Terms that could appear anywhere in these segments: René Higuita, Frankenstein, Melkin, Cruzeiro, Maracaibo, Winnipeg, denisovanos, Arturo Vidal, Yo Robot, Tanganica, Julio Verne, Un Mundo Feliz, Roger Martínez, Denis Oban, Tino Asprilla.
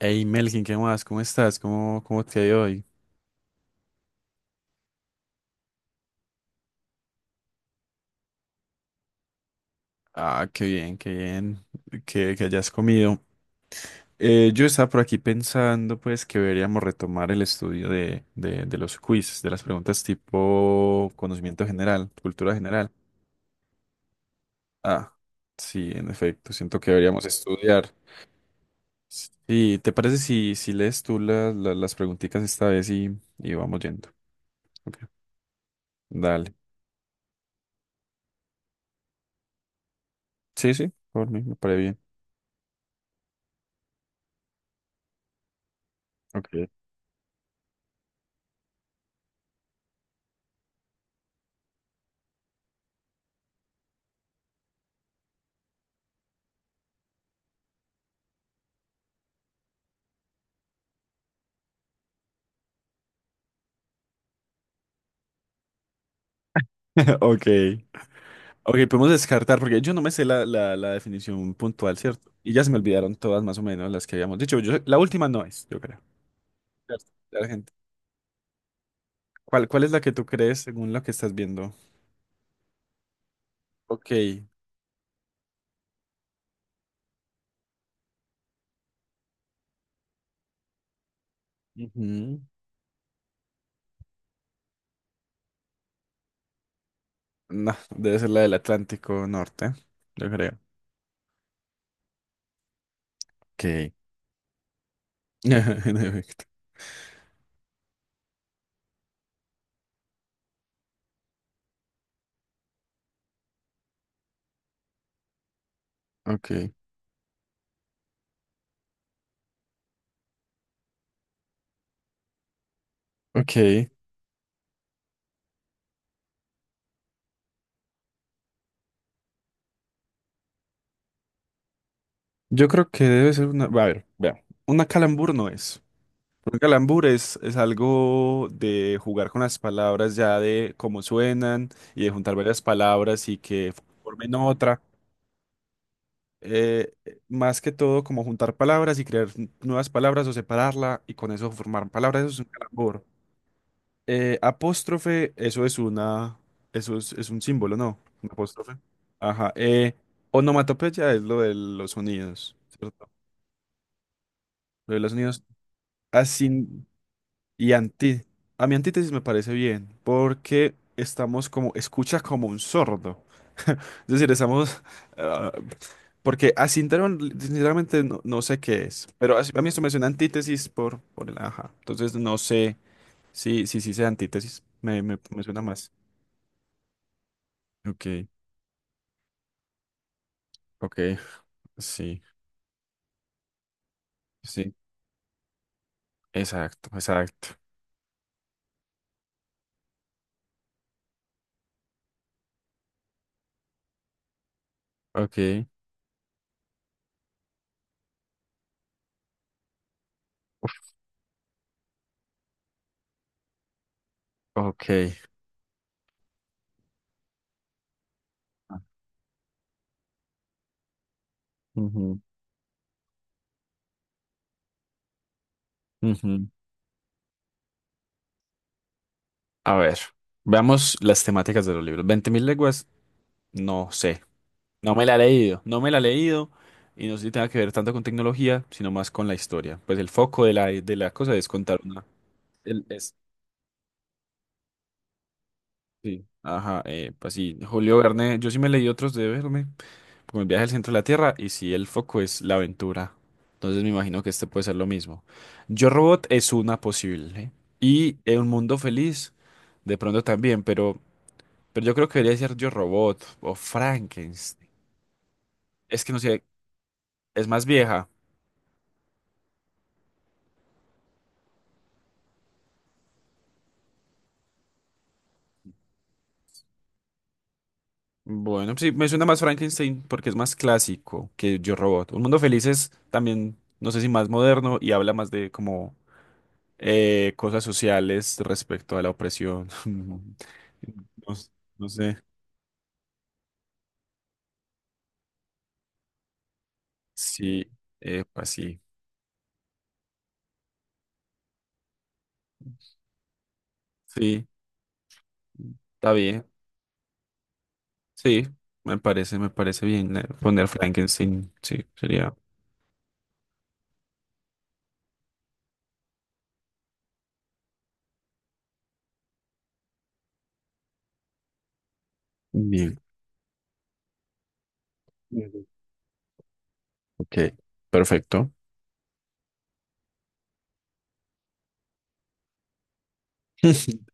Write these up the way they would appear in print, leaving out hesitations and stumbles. Hey Melkin, ¿qué más? ¿Cómo estás? ¿Cómo te ha ido hoy? Ah, qué bien que hayas comido. Yo estaba por aquí pensando pues que deberíamos retomar el estudio de los quiz, de las preguntas tipo conocimiento general, cultura general. Ah, sí, en efecto, siento que deberíamos estudiar. Sí, ¿te parece si lees tú las preguntitas esta vez y vamos yendo? Ok, dale. Sí, sí, por mí, me parece bien. Ok. Ok. Ok, podemos descartar porque yo no me sé la definición puntual, ¿cierto? Y ya se me olvidaron todas más o menos las que habíamos dicho. Yo, la última no es, yo creo. Cierto. La gente- ¿Cuál es la que tú crees según lo que estás viendo? Ok. Ujú. No, debe ser la del Atlántico Norte, yo creo. Ok. En efecto. Ok. Ok. Yo creo que debe ser una. A ver, vea. Una calambur no es. Un calambur es algo de jugar con las palabras ya de cómo suenan y de juntar varias palabras y que formen otra. Eh, más que todo, como juntar palabras y crear nuevas palabras o separarla y con eso formar palabras, eso es un calambur. Apóstrofe, eso es un símbolo, ¿no? Un apóstrofe. Ajá. Onomatopeya es lo de los sonidos, ¿cierto? Lo de los sonidos. Y anti, a mi antítesis me parece bien, porque estamos como, escucha como un sordo. Es decir, ah, porque asinteron, sinceramente no sé qué es, pero a mí esto me suena antítesis por el ajá. Entonces no sé si sea antítesis, me suena más. Ok, ok, sí, sí, exacto, exacto. Ok, ok. Ah, ujú, ujú. A ver, veamos las temáticas de los libros. Veinte mil leguas, no sé. No me la he leído, no me la he leído y no sé si tenga que ver tanto con tecnología, sino más con la historia. Pues el foco de la cosa es contar una. el- es, sí. Ajá, pues sí, Julio Verne, yo sí me leí otros de Verne, como El viaje al centro de la Tierra, y sí, el foco es la aventura. Entonces me imagino que este puede ser lo mismo. Yo Robot es una posible. Un Mundo Feliz, de pronto también, pero yo creo que debería ser Yo Robot o Frankenstein. Es que no sé, es más vieja. Bueno, sí, me suena más Frankenstein porque es más clásico que Yo Robot. Un Mundo Feliz es también, no sé si más moderno y habla más de como cosas sociales respecto a la opresión. No, no sé. Sí, pues sí. Sí, está bien. Sí, me parece bien poner Frankenstein. Sí, sería bien. Ujú. Ok, perfecto.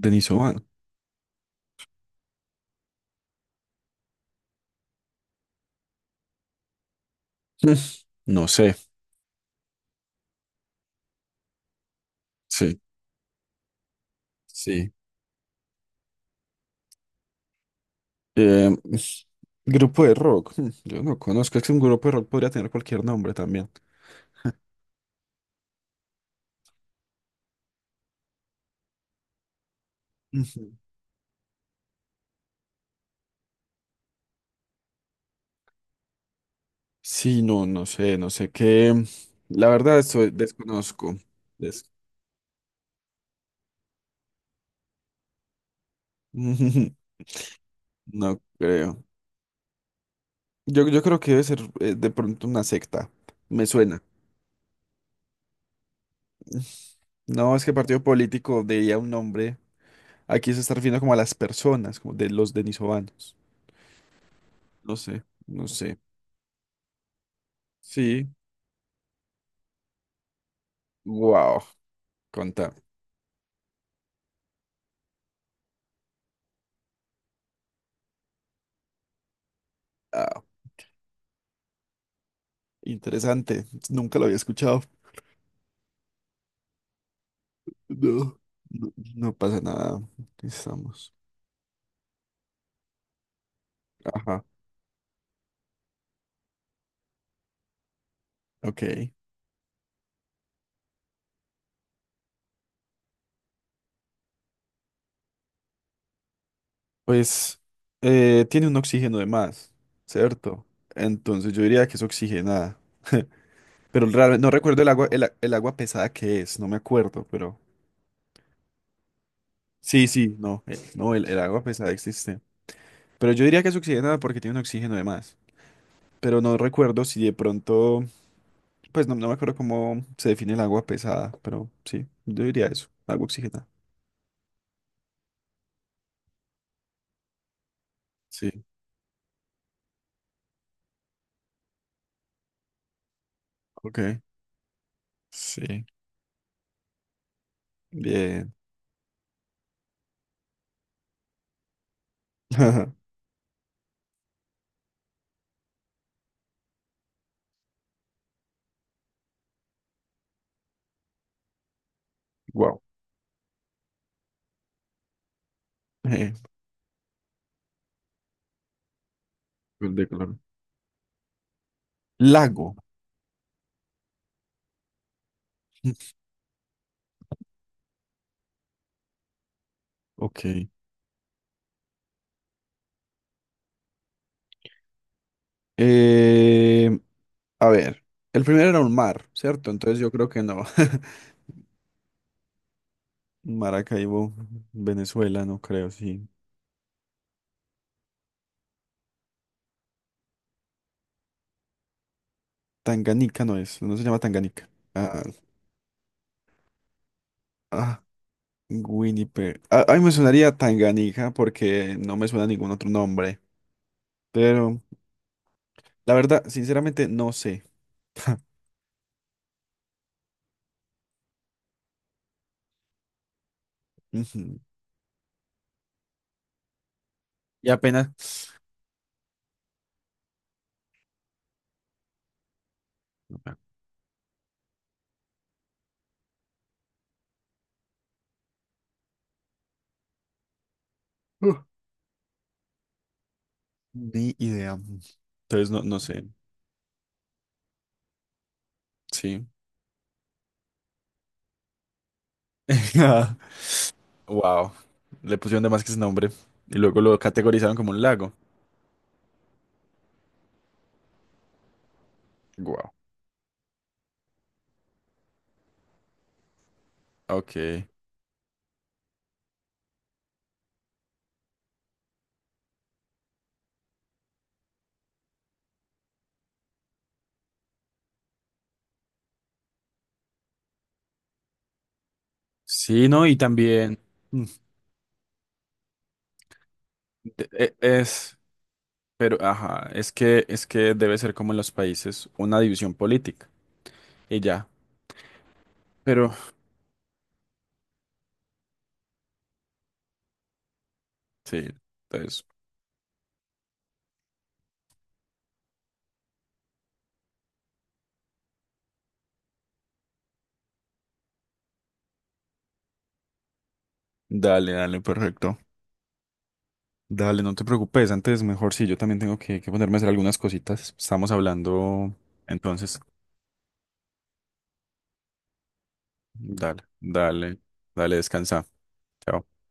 Denis Oban. No sé. Sí, sí. Eh, es- grupo de rock. Yo no conozco. Es que un grupo de rock podría tener cualquier nombre también. Ujú. Sí, no, no sé, no sé qué. La verdad, desconozco. Des- No creo. Yo creo que debe ser de pronto una secta. Me suena. No, es que partido político diría un nombre. Aquí se está refiriendo como a las personas, como de los denisovanos. No sé, no sé. Sí. Wow, contame. Ah, interesante. Nunca lo había escuchado. No, no, no pasa nada. Aquí estamos. Ajá, ok. Pues tiene un oxígeno de más, ¿cierto? Entonces yo diría que es oxigenada. Pero realmente no recuerdo el agua, el agua pesada que es, no me acuerdo, pero. Sí, sí, no, no, el agua pesada existe. Pero yo diría que es oxigenada porque tiene un oxígeno de más. Pero no recuerdo si de pronto, pues no me acuerdo cómo se define el agua pesada, pero sí, yo diría eso, agua oxigenada. Sí, ok. Sí. Bien. Wow. Eh, gol de Colombia. Lago. Ok. Eh, a ver. El primero era un mar, ¿cierto? Entonces yo creo que no. Maracaibo, Venezuela, no creo, sí. Tanganica no es, no se llama Tanganica. Ah, ah, Winnipeg. Ah, ay, me sonaría Tanganica porque no me suena ningún otro nombre. Pero la verdad, sinceramente, no sé. Ujú. Y apenas. Uh, Ni idea. Entonces no, no sé. Sí. Wow. Le pusieron de más que ese nombre. Y luego lo categorizaron como un lago. Wow. Ok. Sí, no, y también mm, de- e- es, pero ajá, es que debe ser como en los países, una división política. Y ya. Pero sí, entonces, dale, dale, perfecto. Dale, no te preocupes. Antes, mejor sí, yo también tengo que ponerme a hacer algunas cositas. Estamos hablando. Entonces, dale, dale, dale, descansa. Chao.